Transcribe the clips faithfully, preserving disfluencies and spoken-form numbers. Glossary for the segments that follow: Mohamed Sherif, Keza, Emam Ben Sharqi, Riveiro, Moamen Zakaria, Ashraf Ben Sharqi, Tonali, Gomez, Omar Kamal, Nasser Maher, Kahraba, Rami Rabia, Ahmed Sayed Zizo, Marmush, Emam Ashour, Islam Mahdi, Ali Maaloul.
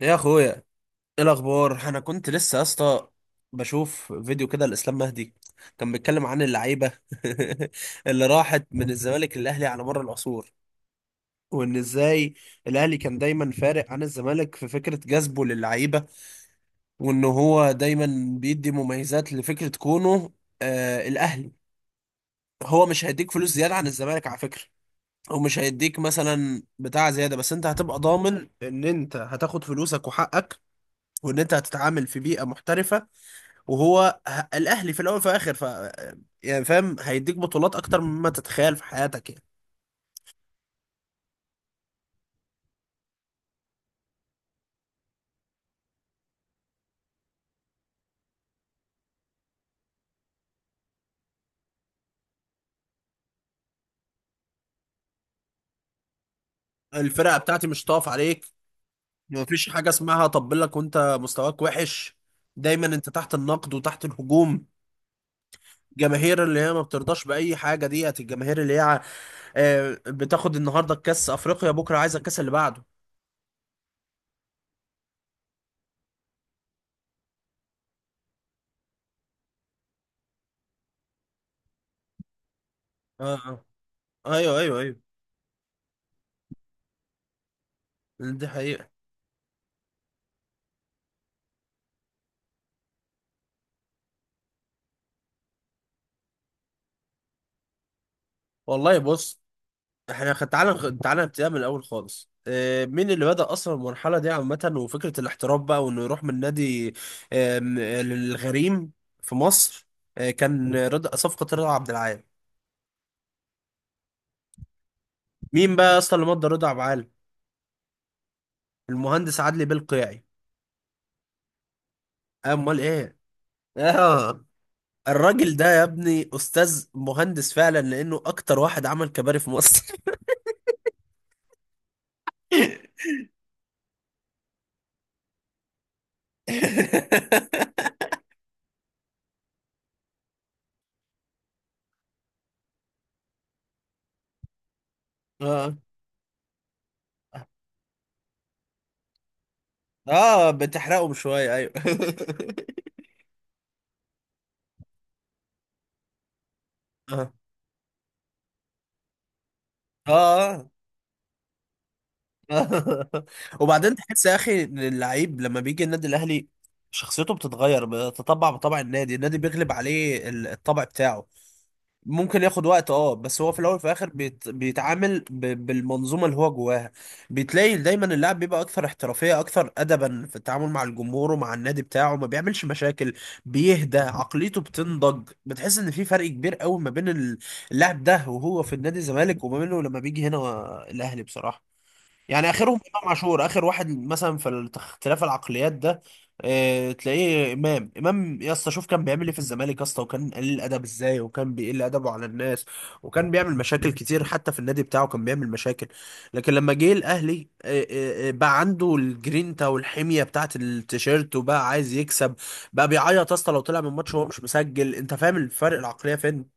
يا اخويا، ايه الاخبار؟ انا كنت لسه يا اسطى بشوف فيديو كده لاسلام مهدي. كان بيتكلم عن اللعيبه اللي راحت من الزمالك للاهلي على مر العصور، وان ازاي الاهلي كان دايما فارق عن الزمالك في فكره جذبه للعيبه، وان هو دايما بيدي مميزات لفكره كونه آه الاهلي. هو مش هيديك فلوس زياده عن الزمالك على فكره، او مش هيديك مثلا بتاع زياده، بس انت هتبقى ضامن ان انت هتاخد فلوسك وحقك، وان انت هتتعامل في بيئه محترفه، وهو ه- الاهلي في الاول وفي الاخر. ف يعني فاهم، هيديك بطولات اكتر مما تتخيل في حياتك يعني. الفرقه بتاعتي مش طاف عليك. مفيش حاجه اسمها طبل لك وانت مستواك وحش، دايما انت تحت النقد وتحت الهجوم. جماهير اللي هي ما بترضاش باي حاجه، ديت الجماهير اللي هي ع- آه، بتاخد النهارده كاس افريقيا بكره عايزه الكاس اللي بعده. اه اه، ايوه ايوه ايوه، دي حقيقه. والله بص، احنا خ- تعالى نخ- تعالى نبتدي من الاول خالص. آه، مين اللي بدأ اصلا المرحله دي عامه وفكره الاحتراف بقى، وانه يروح من نادي آم، للغريم في مصر؟ آه، كان رضا، صفقه رضا عبد العال. مين بقى اصلا اللي مضى رضا عبد العال؟ المهندس عدلي بالقيعي. امال ايه، اه. الراجل ده يا ابني استاذ مهندس فعلا، لانه اكتر واحد عمل كباري في مصر. اه اه، بتحرقهم شويه ايوه. اه اه. وبعدين تحس يا اخي ان اللعيب لما بيجي النادي الاهلي شخصيته بتتغير، بتطبع بطبع النادي، النادي بيغلب عليه ال- الطبع بتاعه. ممكن ياخد وقت اه، بس هو في الاول وفي الاخر بيت... بيتعامل ب... بالمنظومه اللي هو جواها. بتلاقي دايما اللاعب بيبقى اكثر احترافيه، اكثر ادبا في التعامل مع الجمهور ومع النادي بتاعه، ما بيعملش مشاكل، بيهدى، عقليته بتنضج. بتحس ان في فرق كبير قوي ما بين ال- اللاعب ده وهو في النادي الزمالك، وما بينه لما بيجي هنا الاهلي بصراحه يعني. اخرهم امام عاشور، اخر واحد مثلا في الت- اختلاف العقليات ده. اه تلاقيه امام امام يا اسطى، شوف كان بيعمل ايه في الزمالك يا اسطى، وكان قليل ادب ازاي، وكان بيقل ادبه على الناس، وكان بيعمل مشاكل كتير، حتى في النادي بتاعه كان بيعمل مشاكل. لكن لما جه الاهلي اه اه اه بقى عنده الجرينتا والحميه بتاعت التيشيرت، وبقى عايز يكسب، بقى بيعيط يا اسطى لو طلع من ماتش وهو مش مسجل. انت فاهم الفرق العقليه فين؟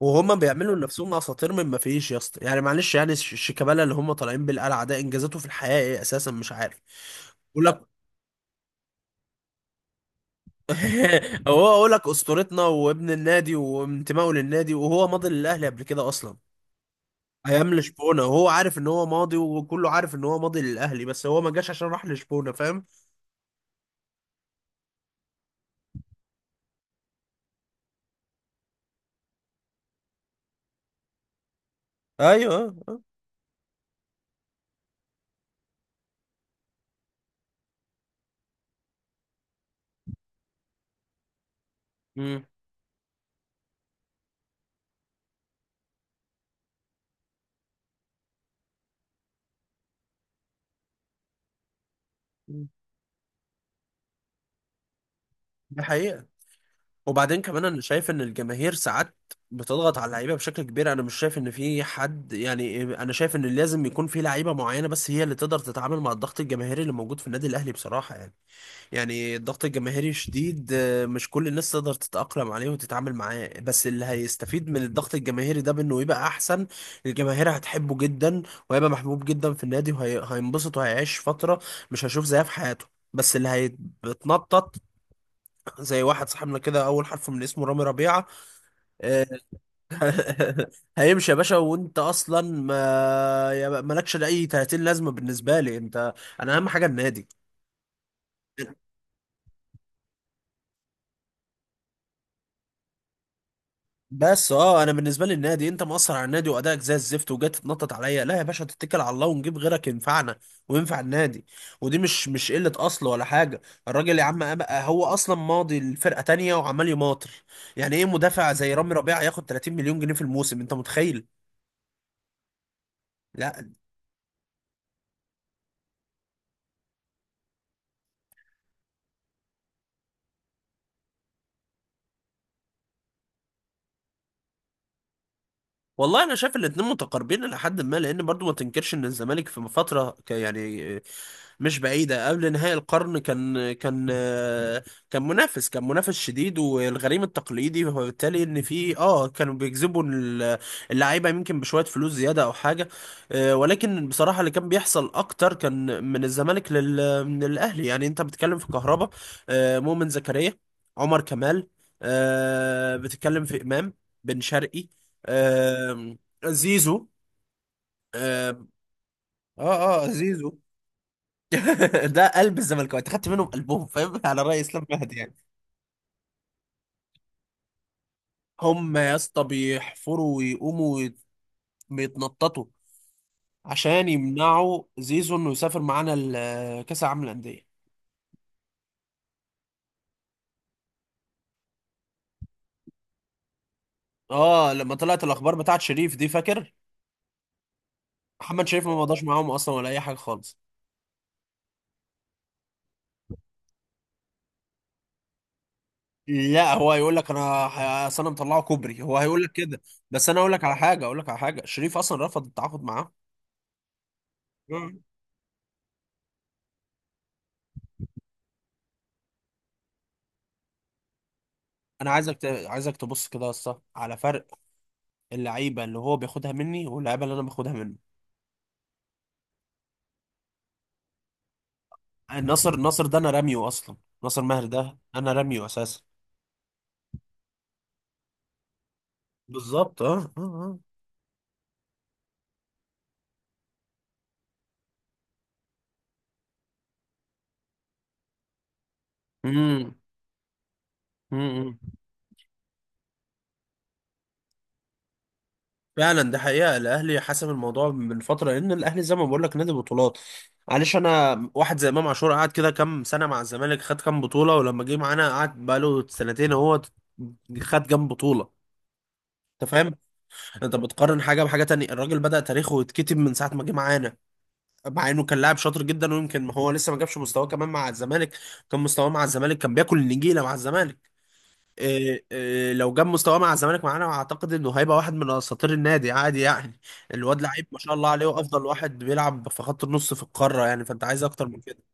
وهما بيعملوا لنفسهم اساطير من ما فيش يا اسطى، يعني معلش يعني الش- الشيكابالا اللي هم طالعين بالقلعه ده، انجازاته في الحياه ايه اساسا؟ مش عارف. يقول لك هو، اقول لك اسطورتنا وابن النادي وانتمائه للنادي، وهو ماضي للاهلي قبل كده اصلا ايام لشبونه، وهو عارف ان هو ماضي، وكله عارف ان هو ماضي للاهلي، بس هو ما جاش عشان راح لشبونه، فاهم. ايوه آه، آه. مم. ده حقيقه. وبعدين كمان انا شايف ان الجماهير ساعات بتضغط على اللعيبه بشكل كبير. انا مش شايف ان في حد، يعني انا شايف ان لازم يكون في لعيبه معينه بس هي اللي تقدر تتعامل مع الضغط الجماهيري اللي موجود في النادي الاهلي بصراحه يعني. يعني الضغط الجماهيري شديد آه، مش كل الناس تقدر تتاقلم عليه وتتعامل معاه، بس اللي هيستفيد من الضغط الجماهيري ده بانه يبقى احسن، الجماهير هتحبه جدا، وهيبقى محبوب جدا في النادي، وهينبسط وهيعيش فتره مش هيشوف زيها في حياته. بس اللي هيتنطط زي واحد صاحبنا كده، اول حرف من اسمه رامي ربيعه. آه، هيمشي يا باشا، وانت اصلا ما يا- مالكش لاي ثلاثين لازمه بالنسبه لي انت، انا اهم حاجه النادي. بس اه، انا بالنسبه لي النادي، انت مأثر على النادي وادائك زي الزفت وجاي تتنطط عليا؟ لا يا باشا، تتكل على الله ونجيب غيرك ينفعنا وينفع النادي. ودي مش مش قله اصل ولا حاجه، الراجل يا عم، أب- هو اصلا ماضي لفرقه تانية وعمال يماطر. يعني ايه مدافع زي رامي ربيعه ياخد ثلاثين مليون جنيه في الموسم؟ انت متخيل؟ لا. والله انا شايف الاتنين متقاربين الى حد ما، لان برضو ما تنكرش ان الزمالك في فتره ك- يعني مش بعيده قبل نهاية القرن كان كان كان منافس، كان منافس شديد والغريم التقليدي. وبالتالي ان في اه كانوا بيجذبوا ال- اللعيبه يمكن بشويه فلوس زياده او حاجه. آه، ولكن بصراحه اللي كان بيحصل اكتر كان من الزمالك لل من الاهلي. يعني انت بتتكلم في كهربا، آه، مؤمن زكريا، عمر كمال، آه، بتتكلم في امام، بن شرقي، آم، زيزو. آم، اه اه زيزو. ده قلب الزملكاويه خدت منهم قلبهم، فاهم، على رأي اسلام مهدي يعني. هم يا اسطى بيحفروا ويقوموا ويت- بيتنططوا عشان يمنعوا زيزو انه يسافر معانا ال- كاس العالم للأندية. اه لما طلعت الاخبار بتاعت شريف دي، فاكر؟ محمد شريف ما مضاش معاهم اصلا ولا اي حاجه خالص. لا، هو هيقول لك انا ه- أصل انا مطلعه كوبري، هو هيقول لك كده. بس انا اقول لك على حاجه اقول لك على حاجه شريف اصلا رفض التعاقد معاه. انا عايزك ت... عايزك تبص كده يا اسطى على فرق اللعيبه اللي هو بياخدها مني، واللعيبه اللي انا باخدها منه. ناصر ناصر ده انا راميه اصلا، ناصر ماهر ده انا راميه اساسا. بالظبط اه اه اه. امم، امم. فعلا، ده حقيقه. الاهلي حسم الموضوع من فتره، لان الاهلي زي ما بقول لك نادي بطولات. معلش، انا واحد زي امام عاشور قعد كده كام سنه مع الزمالك، خد كام بطوله؟ ولما جه معانا قعد بقاله سنتين اهو، خد كام بطوله؟ انت فاهم؟ انت بتقارن حاجه بحاجه تانية. الراجل بدأ تاريخه يتكتب من ساعه ما جه معانا، مع انه كان لاعب شاطر جدا. ويمكن هو لسه ما جابش مستواه كمان مع الزمالك، كان مستواه مع الزمالك كان بياكل النجيله مع الزمالك. إيه إيه، لو جاب مستواه مع الزمالك معانا، اعتقد انه هيبقى واحد من اساطير النادي عادي يعني. الواد لعيب ما شاء الله عليه، وافضل واحد بيلعب في خط النص في القاره يعني، فانت عايز اكتر من كده؟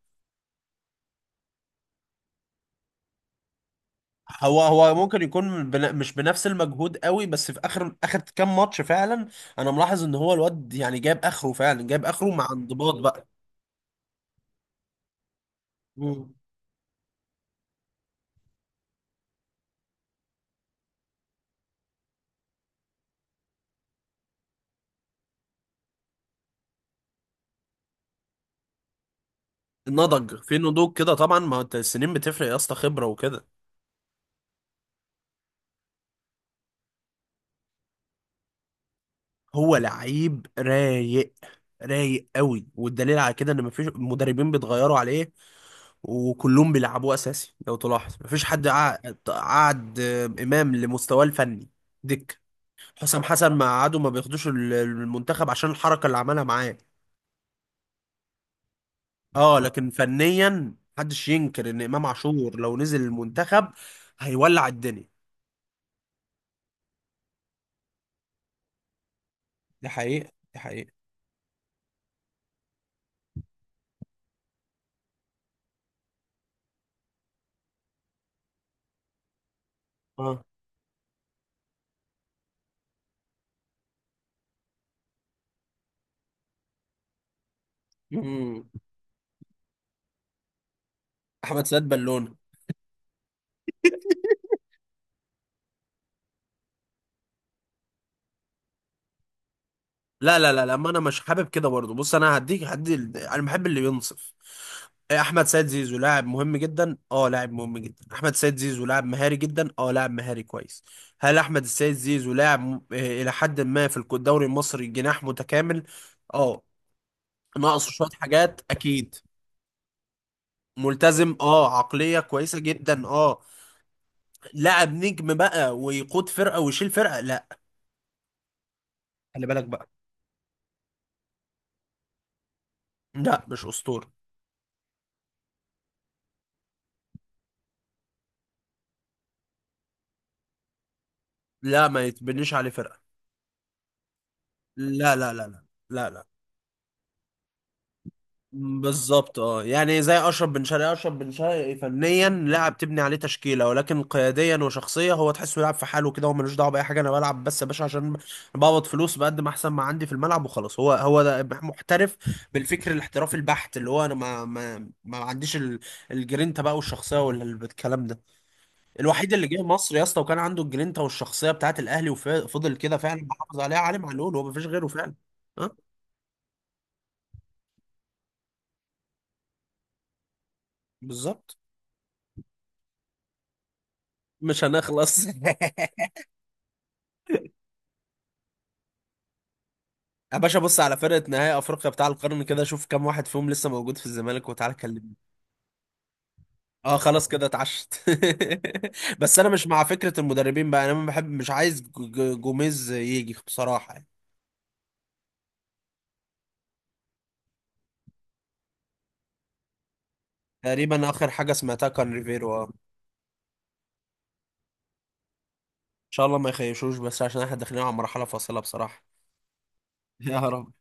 هو هو ممكن يكون بن- مش بنفس المجهود قوي، بس في اخر اخر كام ماتش فعلا انا ملاحظ ان هو الواد يعني جاب اخره، فعلا جاب اخره مع انضباط بقى، نضج في نضوج كده طبعا. ما هو انت السنين بتفرق يا اسطى، خبره وكده. هو لعيب رايق، رايق قوي، والدليل على كده ان مفيش مدربين بيتغيروا عليه، وكلهم بيلعبوه اساسي لو تلاحظ. مفيش حد قعد قعد امام لمستواه الفني. دك حسام حسن ما قعدوا ما بياخدوش ال- المنتخب عشان الحركه اللي عملها معاه. اه لكن فنيا محدش ينكر ان امام عاشور لو نزل المنتخب هيولع الدنيا. دي حقيقه، دي حقيقه. اه. مم. احمد سيد بالونه. لا لا لا لا، ما انا مش حابب كده برضه. بص انا هديك، هدي، انا بحب اللي ينصف. إيه، احمد سيد زيزو لاعب مهم جدا، اه لاعب مهم جدا. احمد سيد زيزو لاعب مهاري جدا، اه لاعب مهاري كويس. هل احمد السيد زيزو لاعب م- آه، الى حد ما في الدوري المصري جناح متكامل؟ اه، ناقصه شويه حاجات اكيد. ملتزم اه، عقليه كويسه جدا اه. لاعب نجم بقى ويقود فرقه ويشيل فرقه؟ لا. خلي بالك بقى، لا مش اسطوره. لا، ما يتبنيش عليه فرقه. لا لا لا لا، لا لا. بالظبط اه، يعني زي اشرف بن شرقي. اشرف بن شرقي فنيا لاعب تبني عليه تشكيله، ولكن قياديا وشخصيه هو تحسه يلعب في حاله كده، هو ملوش دعوه باي حاجه. انا بلعب بس يا باشا عشان بقبض فلوس، بقدم احسن ما عندي في الملعب وخلاص، هو هو ده محترف. بالفكر الاحترافي البحت، اللي هو انا ما ما ما عنديش ال- الجرينتا بقى، والشخصيه والكلام ده. الوحيد اللي جه مصر يا اسطى وكان عنده الجرينتا والشخصيه بتاعت الاهلي وفضل كده فعلا محافظ عليها، علي معلول. هو ما فيش غيره فعلا. ها. بالظبط. مش هنخلص. يا باشا بص على فرقة نهائي أفريقيا بتاع القرن كده، شوف كام واحد فيهم لسه موجود في الزمالك وتعالى كلمني. اه، خلاص كده اتعشت. بس أنا مش مع فكرة المدربين بقى. أنا ما بحب، مش عايز ج- ج- جوميز يجي بصراحة يعني. تقريبا آخر حاجة سمعتها كان ريفيرو، اه إن شاء الله ما يخيشوش، بس عشان احنا داخلين على مرحلة فاصلة بصراحة. يا رب،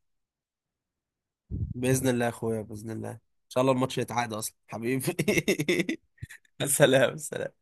بإذن الله يا أخويا، بإذن الله إن شاء الله الماتش يتعاد أصلا حبيبي. سلام سلام.